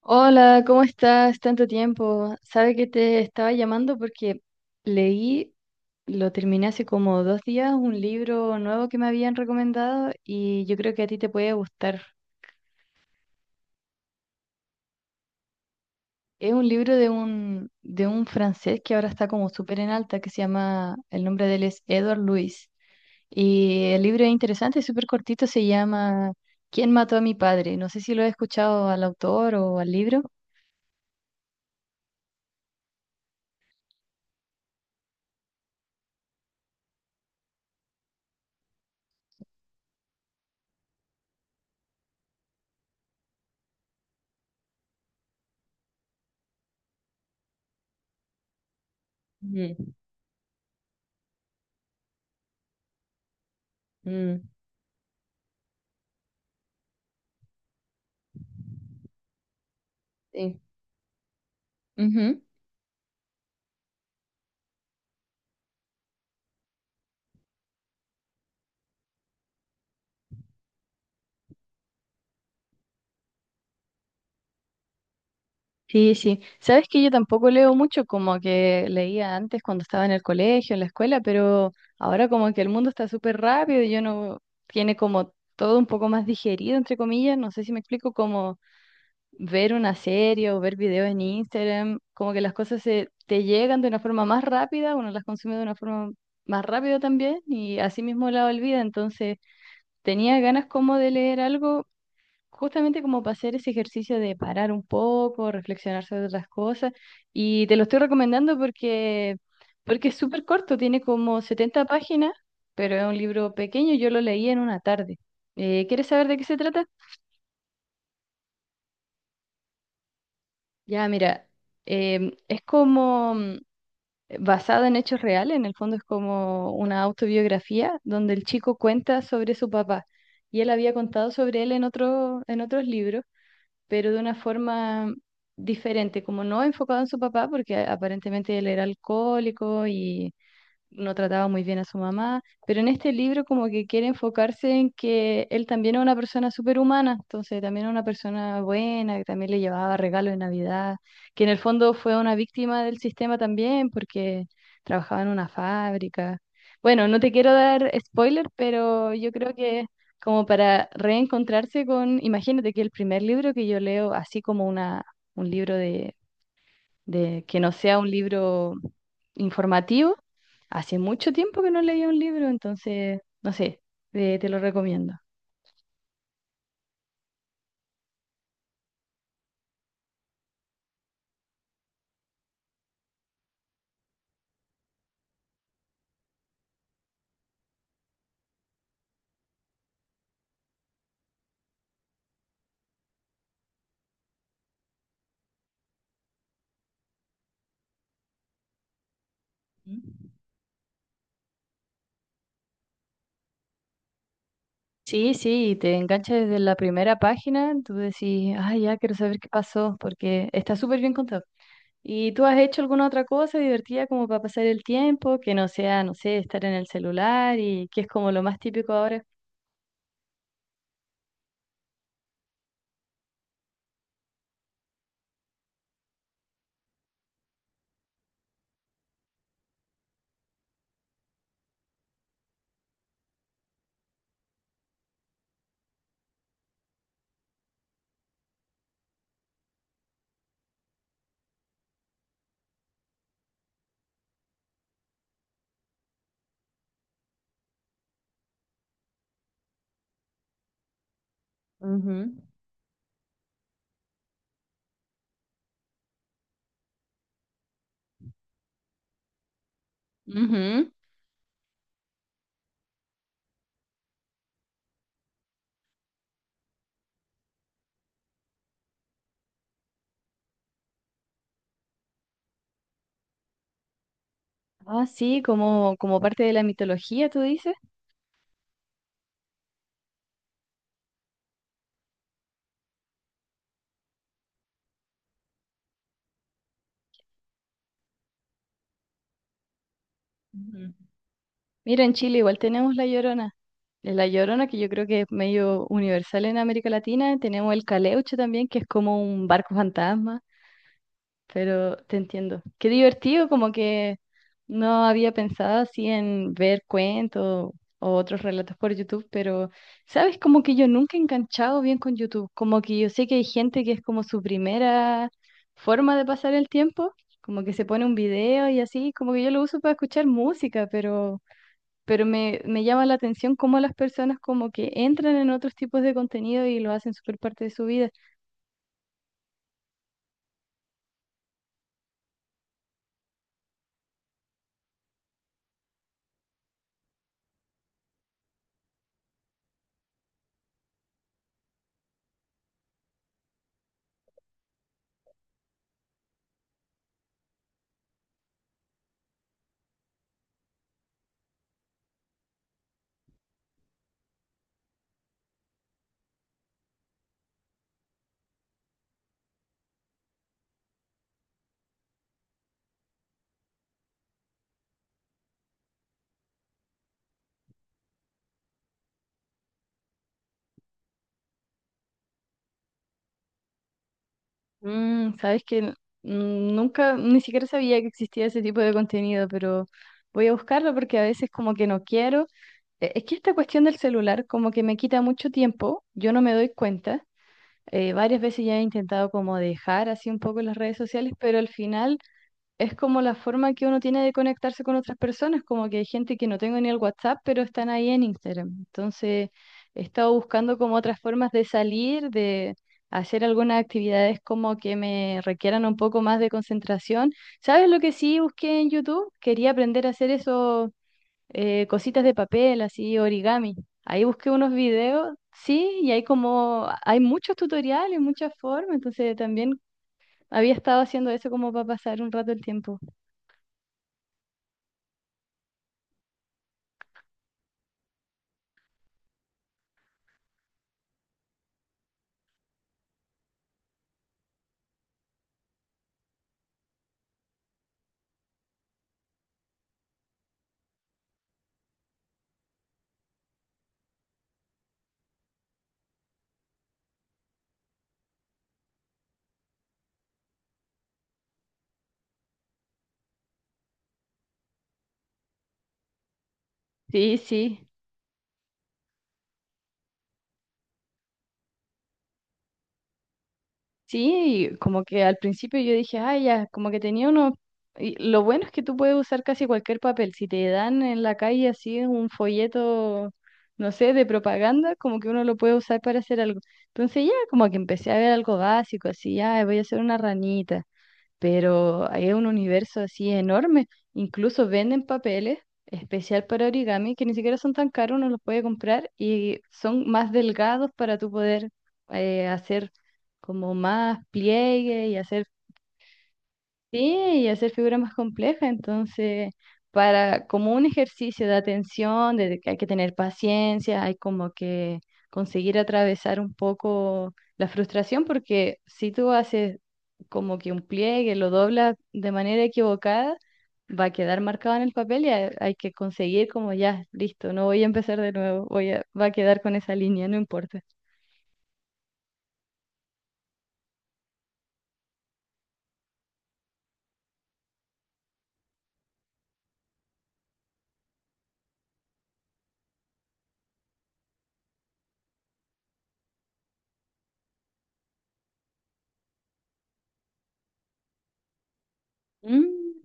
Hola, ¿cómo estás? Tanto tiempo. Sabe que te estaba llamando porque leí, lo terminé hace como 2 días, un libro nuevo que me habían recomendado y yo creo que a ti te puede gustar. Es un libro de un francés que ahora está como súper en alta, que se llama, el nombre de él es Edward Louis. Y el libro es interesante, es súper cortito, se llama ¿Quién mató a mi padre? No sé si lo he escuchado al autor o al libro. Mm, sí. Ujú. Sí, sí. Sabes que yo tampoco leo mucho como que leía antes cuando estaba en el colegio, en la escuela, pero ahora como que el mundo está súper rápido y yo no tiene como todo un poco más digerido, entre comillas. No sé si me explico, como ver una serie o ver videos en Instagram, como que las cosas se te llegan de una forma más rápida, uno las consume de una forma más rápida también y así mismo la olvida. Entonces tenía ganas como de leer algo justamente como para hacer ese ejercicio de parar un poco, reflexionar sobre otras cosas. Y te lo estoy recomendando porque es súper corto, tiene como 70 páginas, pero es un libro pequeño, yo lo leí en una tarde. ¿Quieres saber de qué se trata? Ya, mira, es como basado en hechos reales, en el fondo es como una autobiografía donde el chico cuenta sobre su papá. Y él había contado sobre él en otro, en otros libros, pero de una forma diferente, como no enfocado en su papá, porque aparentemente él era alcohólico y no trataba muy bien a su mamá, pero en este libro como que quiere enfocarse en que él también es una persona superhumana, entonces también es una persona buena, que también le llevaba regalos de Navidad, que en el fondo fue una víctima del sistema también porque trabajaba en una fábrica. Bueno, no te quiero dar spoiler, pero yo creo que como para reencontrarse con, imagínate que el primer libro que yo leo, así como una, un libro de que no sea un libro informativo. Hace mucho tiempo que no leía un libro, entonces, no sé, te lo recomiendo. Mm. Sí, sí, te engancha desde la primera página, tú decís, ah, ya quiero saber qué pasó, porque está súper bien contado. ¿Y tú has hecho alguna otra cosa divertida como para pasar el tiempo, que no sea, no sé, estar en el celular y que es como lo más típico ahora? Ujú. Ujú. Ah, sí, como, como parte de la mitología, tú dices. Ujú. Mira, en Chile igual tenemos la Llorona. Es La Llorona, que yo creo que es medio universal en América Latina. Tenemos el Caleuche también, que es como un barco fantasma. Pero te entiendo. Qué divertido, como que no había pensado así en ver cuentos o otros relatos por YouTube, pero sabes, como que yo nunca he enganchado bien con YouTube, como que yo sé que hay gente que es como su primera forma de pasar el tiempo, como que se pone un video y así, como que yo lo uso para escuchar música, pero... Pero me llama la atención cómo las personas como que entran en otros tipos de contenido y lo hacen súper parte de su vida. Mm, sabes que nunca, ni siquiera sabía que existía ese tipo de contenido, pero voy a buscarlo porque a veces como que no quiero. Es que esta cuestión del celular como que me quita mucho tiempo, yo no me doy cuenta. Varias veces ya he intentado como dejar así un poco las redes sociales, pero al final es como la forma que uno tiene de conectarse con otras personas, como que hay gente que no tengo ni el WhatsApp, pero están ahí en Instagram. Entonces, he estado buscando como otras formas de salir, de hacer algunas actividades como que me requieran un poco más de concentración. ¿Sabes lo que sí busqué en YouTube? Quería aprender a hacer eso, cositas de papel, así origami. Ahí busqué unos videos, sí, y hay como, hay muchos tutoriales, muchas formas, entonces también había estado haciendo eso como para pasar un rato el tiempo. Sí, sí, sí, y como que al principio yo dije, ay ya, como que tenía uno, y lo bueno es que tú puedes usar casi cualquier papel, si te dan en la calle así un folleto, no sé, de propaganda, como que uno lo puede usar para hacer algo. Entonces ya, como que empecé a ver algo básico, así, ah, voy a hacer una ranita, pero hay un universo así enorme. Incluso venden papeles especial para origami que ni siquiera son tan caros, uno los puede comprar y son más delgados para tú poder hacer como más pliegue y hacer... Sí, y hacer figuras más complejas, entonces, para como un ejercicio de atención, de que hay que tener paciencia, hay como que conseguir atravesar un poco la frustración, porque si tú haces como que un pliegue, lo doblas de manera equivocada, va a quedar marcado en el papel y hay que conseguir como ya, listo, no voy a empezar de nuevo, voy a, va a quedar con esa línea, no importa. Mm,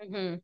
ujú.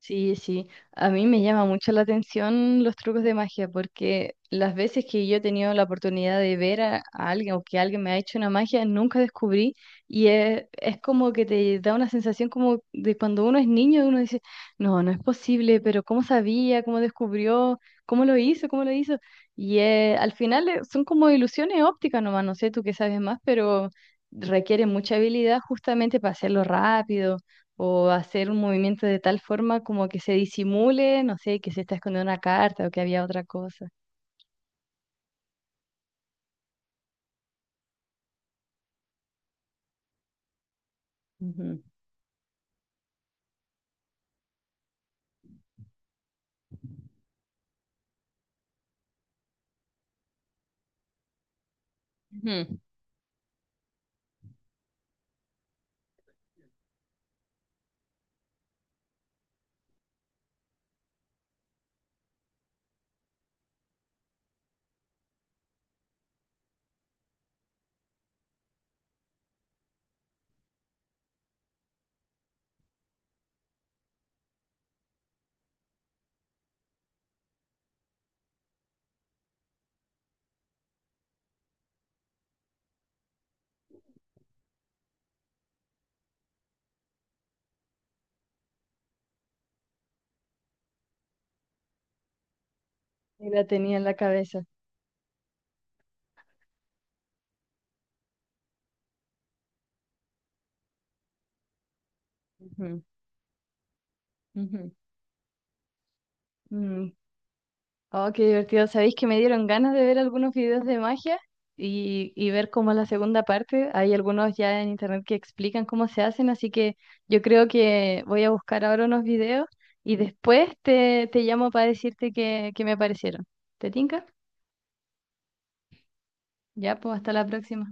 Sí, sí, a mí me llama mucho la atención los trucos de magia porque las veces que yo he tenido la oportunidad de ver a alguien o que alguien me ha hecho una magia, nunca descubrí y es como que te da una sensación como de cuando uno es niño, uno dice, no, no es posible, pero ¿cómo sabía? ¿Cómo descubrió? ¿Cómo lo hizo? ¿Cómo lo hizo? Y al final son como ilusiones ópticas nomás, no sé tú qué sabes más, pero requiere mucha habilidad justamente para hacerlo rápido o hacer un movimiento de tal forma como que se disimule, no sé, que se está escondiendo una carta o que había otra cosa. Ujú. Ujú. Y la tenía en la cabeza. Ujú, ujú. Mm. Oh, qué divertido. Sabéis que me dieron ganas de ver algunos videos de magia y ver cómo es la segunda parte. Hay algunos ya en internet que explican cómo se hacen, así que yo creo que voy a buscar ahora unos videos y después te llamo para decirte qué me parecieron. ¿Te tinca? Ya, pues hasta la próxima.